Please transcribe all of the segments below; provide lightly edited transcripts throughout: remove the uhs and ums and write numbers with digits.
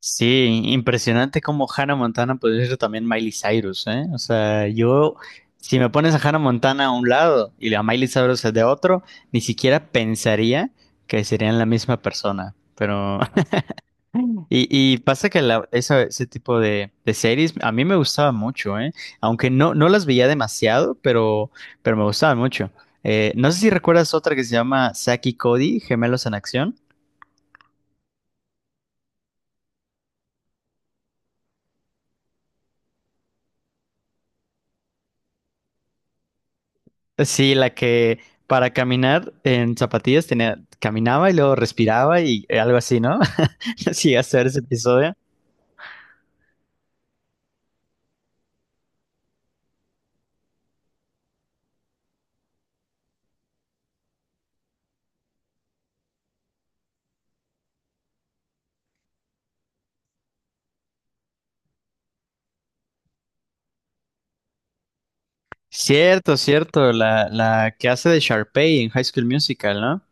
Sí, impresionante como Hannah Montana podría ser también Miley Cyrus, ¿eh? O sea, yo, si me pones a Hannah Montana a un lado y a Miley Cyrus de otro, ni siquiera pensaría que serían la misma persona. Pero, y, y pasa que ese tipo de series a mí me gustaba mucho, ¿eh? Aunque no, no las veía demasiado, pero me gustaban mucho. No sé si recuerdas otra que se llama Zack y Cody, Gemelos en Acción. Sí, la que para caminar en zapatillas tenía, caminaba y luego respiraba y algo así, ¿no? Sí, hasta ver ese episodio. Cierto, cierto, la que hace de Sharpay en High School Musical, ¿no?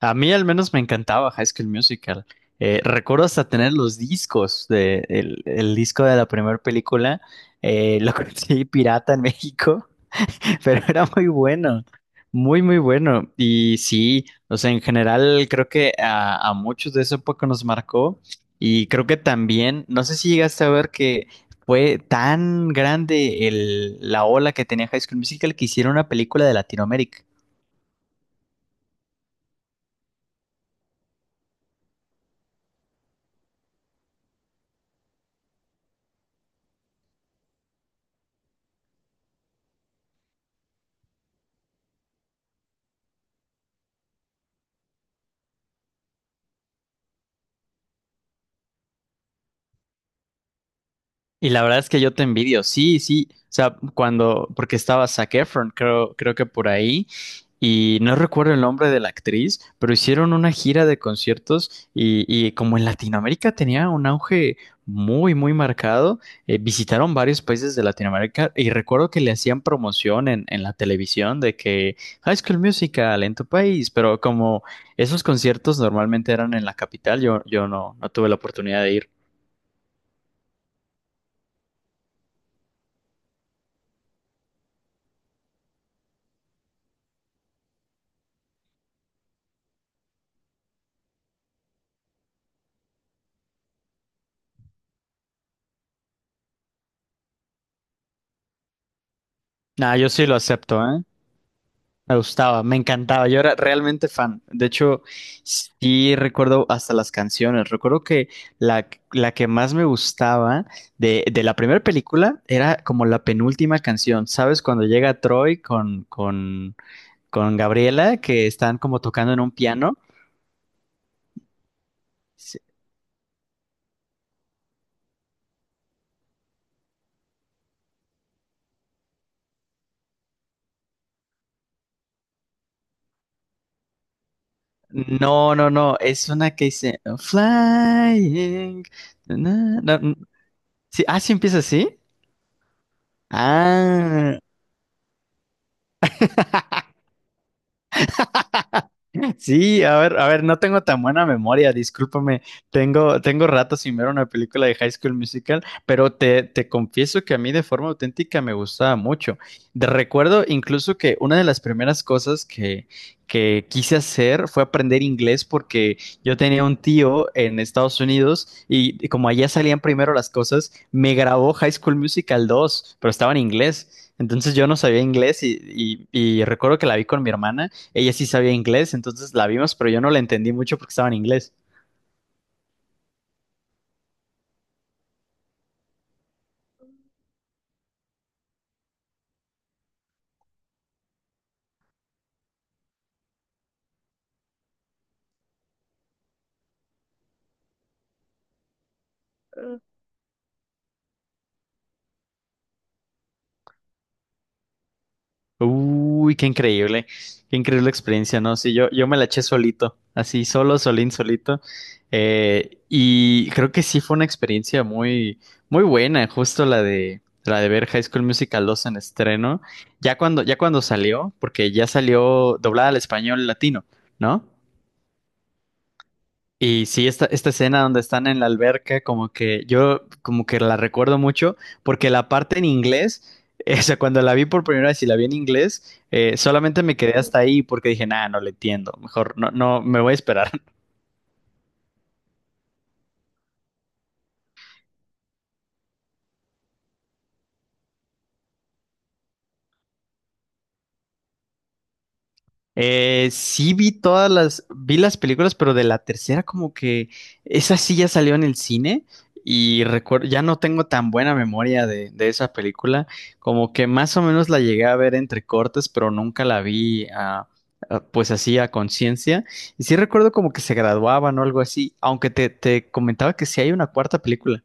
A mí al menos me encantaba High School Musical. Recuerdo hasta tener los discos de el disco de la primera película. Lo conseguí pirata en México pero era muy bueno, muy, muy bueno. Y sí, o sea, en general creo que a muchos de esa época nos marcó y creo que también, no sé si llegaste a ver que fue tan grande la ola que tenía High School Musical que hicieron una película de Latinoamérica. Y la verdad es que yo te envidio, sí, sí, o sea, porque estaba Zac Efron, creo que por ahí, y no recuerdo el nombre de la actriz, pero hicieron una gira de conciertos y como en Latinoamérica tenía un auge muy, muy marcado, visitaron varios países de Latinoamérica y recuerdo que le hacían promoción en la televisión de que High School Musical en tu país, pero como esos conciertos normalmente eran en la capital, yo no, no tuve la oportunidad de ir. Nah, yo sí lo acepto, ¿eh? Me gustaba, me encantaba. Yo era realmente fan. De hecho, sí recuerdo hasta las canciones. Recuerdo que la, la, que más me gustaba de la primera película era como la penúltima canción. ¿Sabes? Cuando llega Troy con, con Gabriela, que están como tocando en un piano. Sí. No, no, no. Es una que dice Flying. Na, na, na. Sí, ah, sí empieza así. Ah, sí, a ver, no tengo tan buena memoria, discúlpame. Tengo rato sin ver una película de High School Musical, pero te confieso que a mí de forma auténtica me gustaba mucho. Recuerdo incluso que una de las primeras cosas que quise hacer fue aprender inglés porque yo tenía un tío en Estados Unidos y como allá salían primero las cosas, me grabó High School Musical 2, pero estaba en inglés. Entonces yo no sabía inglés y recuerdo que la vi con mi hermana, ella sí sabía inglés, entonces la vimos, pero yo no la entendí mucho porque estaba en inglés. Uy, qué increíble experiencia, ¿no? Sí, yo me la eché solito, así, solo, solín, solito. Y creo que sí fue una experiencia muy, muy buena, justo la de ver High School Musical 2 en estreno. Ya cuando salió, porque ya salió doblada al español latino, ¿no? Y sí, esta escena donde están en la alberca, como que yo como que la recuerdo mucho, porque la parte en inglés, o sea, cuando la vi por primera vez y la vi en inglés, solamente me quedé hasta ahí porque dije, nada, no le entiendo, mejor no, no, me voy a esperar. Sí vi vi las películas, pero de la tercera como que esa sí ya salió en el cine y recuerdo, ya no tengo tan buena memoria de esa película, como que más o menos la llegué a ver entre cortes, pero nunca la vi pues así a conciencia. Y sí recuerdo como que se graduaban o algo así, aunque te comentaba que sí hay una cuarta película.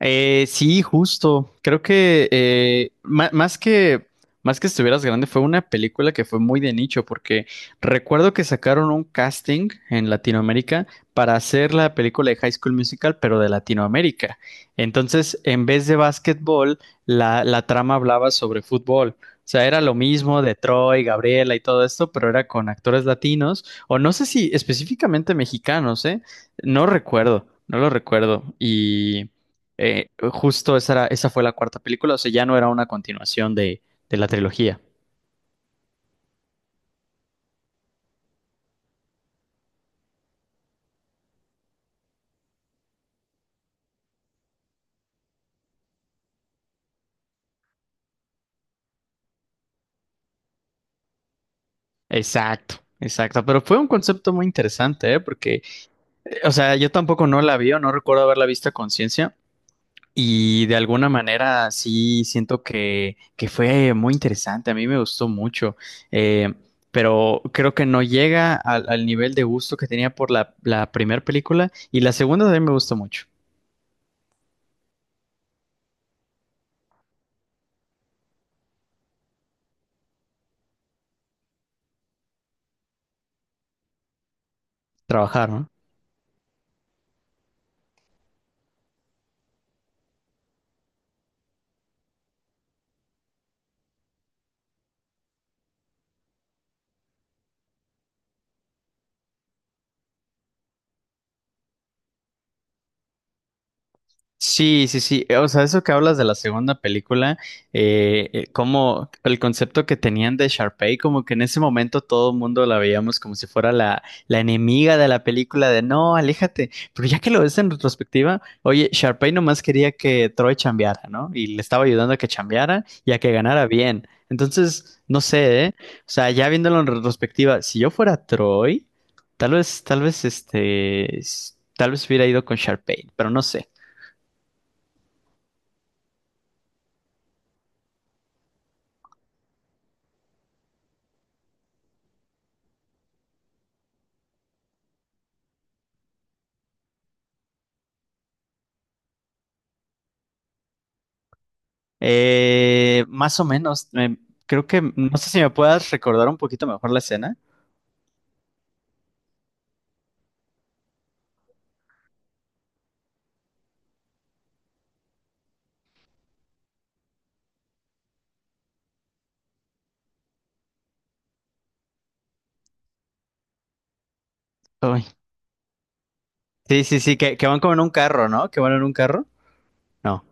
Sí, justo. Creo que más que estuvieras grande fue una película que fue muy de nicho porque recuerdo que sacaron un casting en Latinoamérica para hacer la película de High School Musical, pero de Latinoamérica. Entonces, en vez de básquetbol, la trama hablaba sobre fútbol. O sea, era lo mismo de Troy, Gabriela y todo esto, pero era con actores latinos, o no sé si específicamente mexicanos, ¿eh? No recuerdo, no lo recuerdo. Y justo esa fue la cuarta película, o sea, ya no era una continuación de la trilogía. Exacto, exacto. Pero fue un concepto muy interesante, ¿eh? Porque, o sea, yo tampoco no la vi o no recuerdo haberla visto a conciencia. Y de alguna manera sí siento que fue muy interesante. A mí me gustó mucho. Eh, pero creo que no llega al nivel de gusto que tenía por la primera película. Y la segunda también me gustó mucho. Trabajaron. Sí, sí, sí. O sea, eso que hablas de la segunda película, como el concepto que tenían de Sharpay, como que en ese momento todo el mundo la veíamos como si fuera la enemiga de la película, de no, aléjate. Pero ya que lo ves en retrospectiva, oye, Sharpay nomás quería que Troy chambeara, ¿no? Y le estaba ayudando a que chambeara y a que ganara bien. Entonces, no sé, ¿eh? O sea, ya viéndolo en retrospectiva, si yo fuera Troy, tal vez hubiera ido con Sharpay, pero no sé. Más o menos, creo que, no sé si me puedas recordar un poquito mejor la escena. Uy. Sí, sí, sí, que van como en un carro, ¿no? Que van en un carro. No.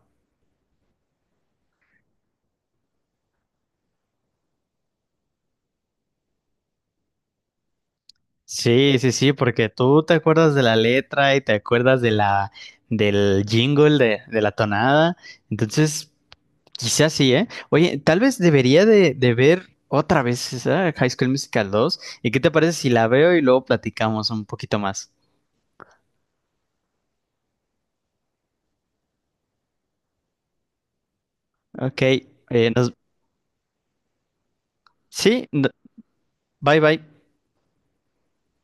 Sí, sí, sí, porque tú te acuerdas de la letra y te acuerdas de del jingle, de la tonada. Entonces, quizás sí, ¿eh? Oye, tal vez debería de ver otra vez esa High School Musical dos. ¿Y qué te parece si la veo y luego platicamos un poquito más? Ok, sí, bye bye.